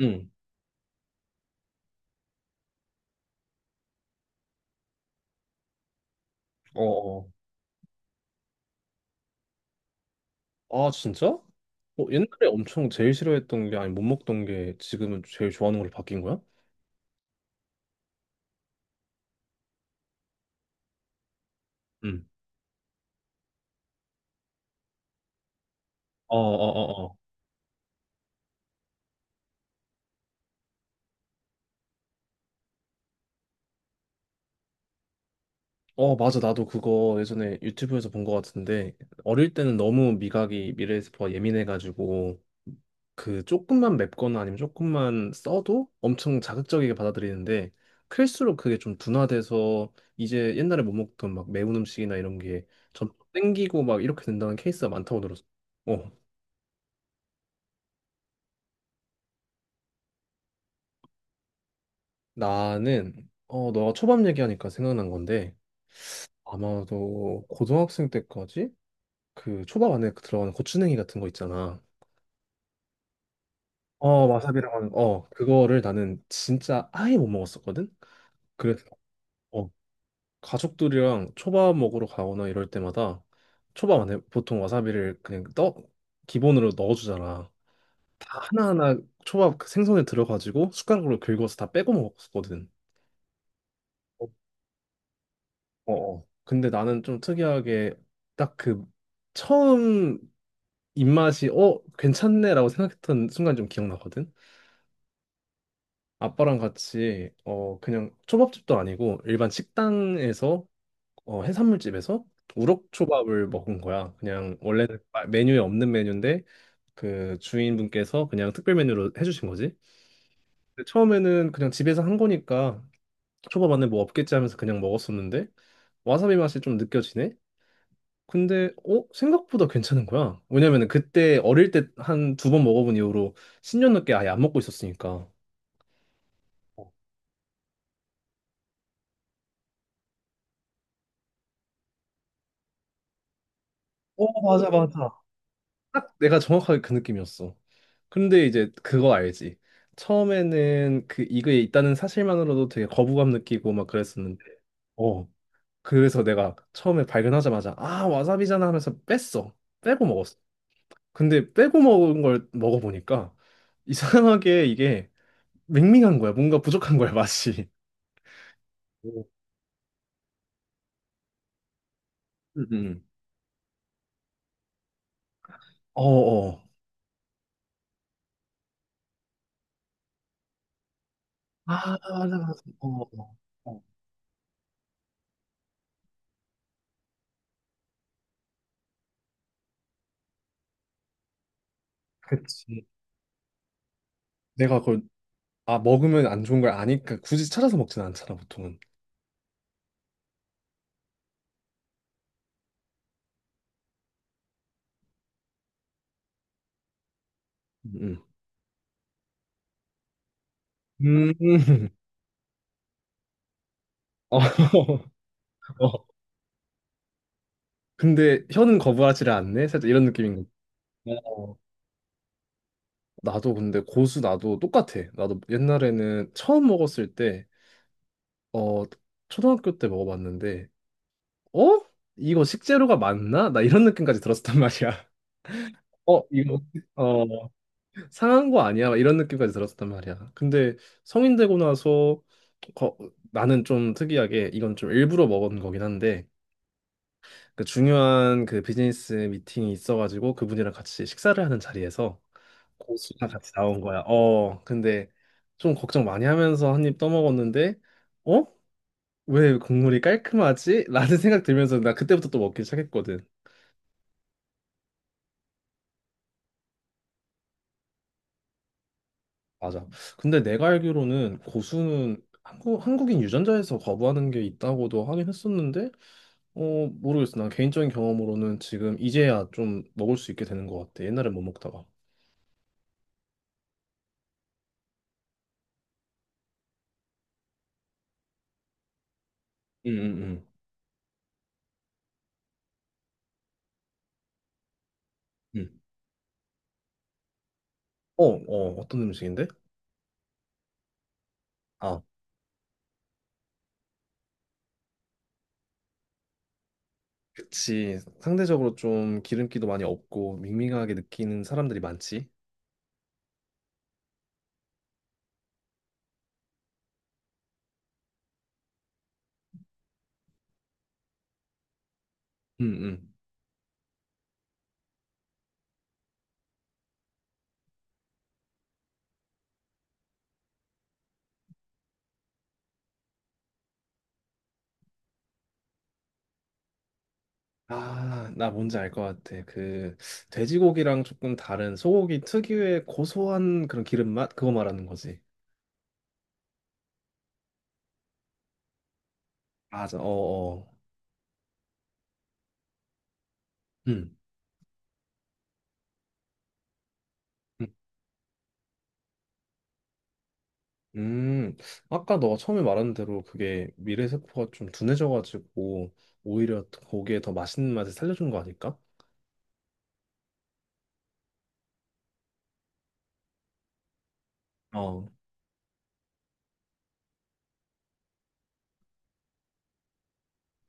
응. 어, 어. 아, 진짜? 어, 옛날에 엄청 제일 싫어했던 게 아니 못 먹던 게 지금은 제일 좋아하는 걸로 바뀐 거야? 응. 어, 어, 어, 어. 어, 맞아. 나도 그거 예전에 유튜브에서 본 것 같은데 어릴 때는 너무 미각이 미레스퍼 예민해가지고 그 조금만 맵거나 아니면 조금만 써도 엄청 자극적이게 받아들이는데 클수록 그게 좀 둔화돼서 이제 옛날에 못 먹던 막 매운 음식이나 이런 게 점점 땡기고 막 이렇게 된다는 케이스가 많다고 들었어. 어. 나는 너가 초밥 얘기하니까 생각난 건데 아마도 고등학생 때까지 그 초밥 안에 그 들어가는 고추냉이 같은 거 있잖아. 어 와사비라고 하는 그거를 나는 진짜 아예 못 먹었었거든. 그래서 어 가족들이랑 초밥 먹으러 가거나 이럴 때마다 초밥 안에 보통 와사비를 그냥 떠 기본으로 넣어주잖아. 다 하나하나 초밥 그 생선에 들어가지고 숟가락으로 긁어서 다 빼고 먹었거든. 어, 어. 근데 나는 좀 특이하게 딱 그 처음 입맛이 괜찮네라고 생각했던 순간 좀 기억나거든. 아빠랑 같이 그냥 초밥집도 아니고 일반 식당에서 해산물집에서 우럭초밥을 먹은 거야. 그냥 원래는 메뉴에 없는 메뉴인데 그 주인분께서 그냥 특별 메뉴로 해주신 거지. 근데 처음에는 그냥 집에서 한 거니까 초밥 안에 뭐 없겠지 하면서 그냥 먹었었는데 와사비 맛이 좀 느껴지네. 근데 생각보다 괜찮은 거야. 왜냐면은 그때 어릴 때 한 두 번 먹어본 이후로 10년 넘게 아예 안 먹고 있었으니까. 어, 맞아, 맞아. 딱 내가 정확하게 그 느낌이었어. 근데 이제 그거 알지? 처음에는 그 이거에 있다는 사실만으로도 되게 거부감 느끼고 막 그랬었는데, 어, 그래서 내가 처음에 발견하자마자 아 와사비잖아 하면서 뺐어. 빼고 먹었어. 근데 빼고 먹은 걸 먹어보니까 이상하게 이게 밍밍한 거야. 뭔가 부족한 거야 맛이. 음. 어어. 아, 어, 어. 어, 그치. 내가 그걸, 아, 먹으면 안 좋은 걸 아니까 굳이 찾아서 먹진 않잖아, 보통은. 음. 음. 음. 어. 어. 근데 혀는 거부하지를 않네? 살짝 이런 느낌인 거. 어. 나도 근데 고수 나도 똑같아. 나도 옛날에는 처음 먹었을 때, 어, 초등학교 때 먹어봤는데, 어? 이거 식재료가 맞나? 나 이런 느낌까지 들었었단 말이야. 어, 이거, 어. 상한 거 아니야? 막 이런 느낌까지 들었단 말이야. 근데 성인 되고 나서 거- 나는 좀 특이하게 이건 좀 일부러 먹은 거긴 한데 그 중요한 그 비즈니스 미팅이 있어가지고 그분이랑 같이 식사를 하는 자리에서 고수가 같이 나온 거야. 어, 근데 좀 걱정 많이 하면서 한 입 떠먹었는데 어? 왜 국물이 깔끔하지? 라는 생각 들면서 나 그때부터 또 먹기 시작했거든. 맞아. 근데 내가 알기로는 고수는 한국, 한국인 유전자에서 거부하는 게 있다고도 하긴 했었는데, 어, 모르겠어. 난 개인적인 경험으로는 지금 이제야 좀 먹을 수 있게 되는 것 같아. 옛날엔 못 먹다가. 응 응 응응. 어, 어, 어떤 음식인데? 아, 그치. 상대적으로 좀 기름기도 많이 없고 밍밍하게 느끼는 사람들이 많지. 응응. 아, 나 뭔지 알 것 같아. 그 돼지고기랑 조금 다른 소고기 특유의 고소한 그런 기름 맛? 그거 말하는 거지. 맞아. 어, 어. 음. 음. 음. 아까 너가 처음에 말한 대로 그게 미래세포가 좀 둔해져가지고 오히려 고기에 더 맛있는 맛을 살려준 거 아닐까? 어.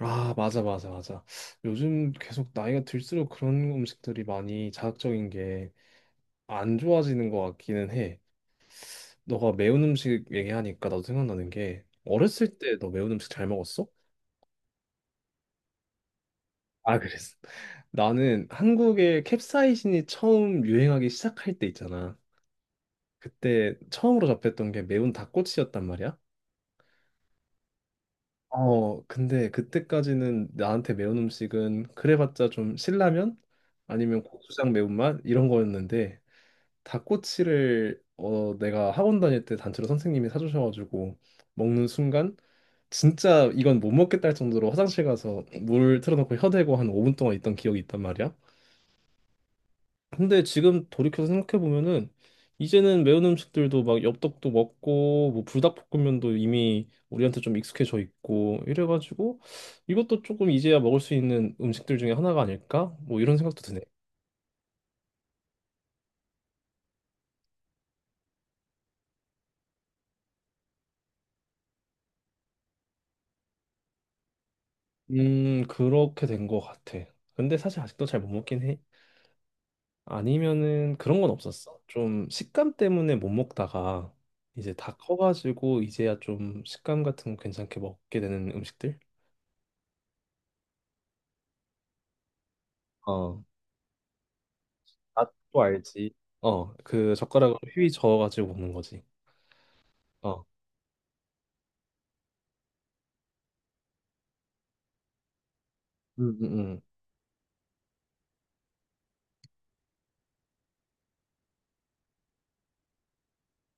아, 맞아, 맞아, 맞아. 요즘 계속 나이가 들수록 그런 음식들이 많이 자극적인 게 안 좋아지는 것 같기는 해. 너가 매운 음식 얘기하니까 나도 생각나는 게 어렸을 때 너 매운 음식 잘 먹었어? 아, 그랬어. 나는 한국에 캡사이신이 처음 유행하기 시작할 때 있잖아. 그때 처음으로 접했던 게 매운 닭꼬치였단 말이야. 어, 근데 그때까지는 나한테 매운 음식은 그래봤자 좀 신라면 아니면 고추장 매운맛 이런 거였는데 닭꼬치를 어, 내가 학원 다닐 때 단체로 선생님이 사주셔가지고 먹는 순간 진짜 이건 못 먹겠다 할 정도로 화장실 가서 물 틀어놓고 혀대고 한 5분 동안 있던 기억이 있단 말이야. 근데 지금 돌이켜서 생각해 보면은 이제는 매운 음식들도 막 엽떡도 먹고 뭐 불닭볶음면도 이미 우리한테 좀 익숙해져 있고 이래가지고 이것도 조금 이제야 먹을 수 있는 음식들 중에 하나가 아닐까? 뭐 이런 생각도 드네. 그렇게 된 것 같아. 근데 사실 아직도 잘 못 먹긴 해. 아니면은 그런 건 없었어. 좀 식감 때문에 못 먹다가 이제 다 커가지고 이제야 좀 식감 같은 거 괜찮게 먹게 되는 음식들? 어. 아, 또 알지. 어, 그 젓가락으로 휘 저어가지고 먹는 거지. 어, 음, 음, 음.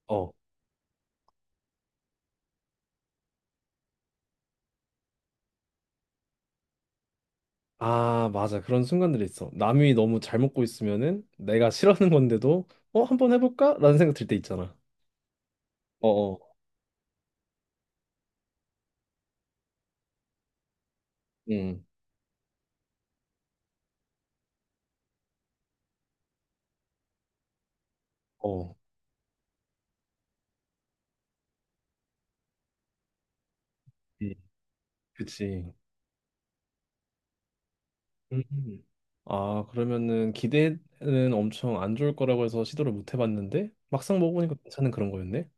어, 아, 맞아. 그런 순간들이 있어. 남이 너무 잘 먹고 있으면은 내가 싫어하는 건데도 어, 한번 해볼까? 라는 생각 들 때 있잖아. 어, 어, 음, 어, 이, 그치. 음. 음. 아, 그러면은 기대는 엄청 안 좋을 거라고 해서 시도를 못 해봤는데 막상 먹어보니까 괜찮은 그런 거였네.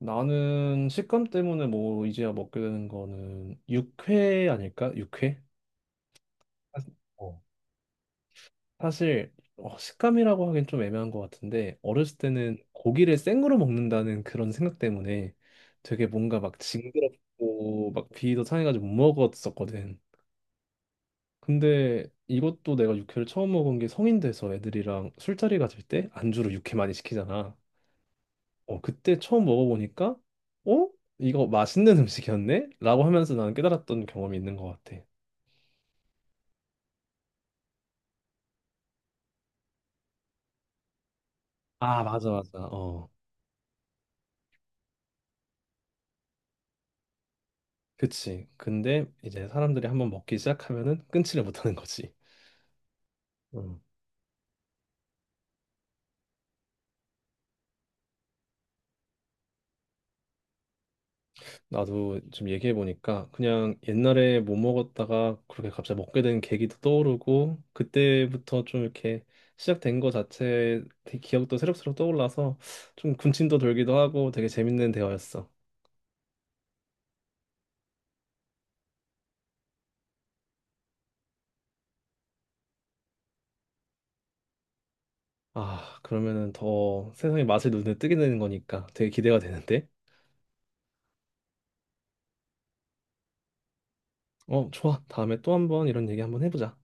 나는 식감 때문에 뭐 이제야 먹게 되는 거는 육회 아닐까? 육회? 사실 어, 사실 식감이라고 하긴 좀 애매한 것 같은데 어렸을 때는 고기를 생으로 먹는다는 그런 생각 때문에 되게 뭔가 막 징그럽고 막 비위도 상해가지고 못 먹었었거든. 근데 이것도 내가 육회를 처음 먹은 게 성인 돼서 애들이랑 술자리 가질 때 안주로 육회 많이 시키잖아. 어, 그때 처음 먹어보니까 어? 이거 맛있는 음식이었네? 라고 하면서 나는 깨달았던 경험이 있는 것 같아. 아, 맞아, 맞아. 어. 그치. 근데 이제 사람들이 한번 먹기 시작하면은 끊지를 못하는 거지. 음. 나도 좀 얘기해 보니까 그냥 옛날에 못 먹었다가 그렇게 갑자기 먹게 된 계기도 떠오르고 그때부터 좀 이렇게 시작된 거 자체 되게 기억도 새록새록 떠올라서 좀 군침도 돌기도 하고 되게 재밌는 대화였어. 아, 그러면은 더 세상의 맛을 눈에 뜨게 되는 거니까 되게 기대가 되는데. 어, 좋아. 다음에 또 한번 이런 얘기 한번 해보자.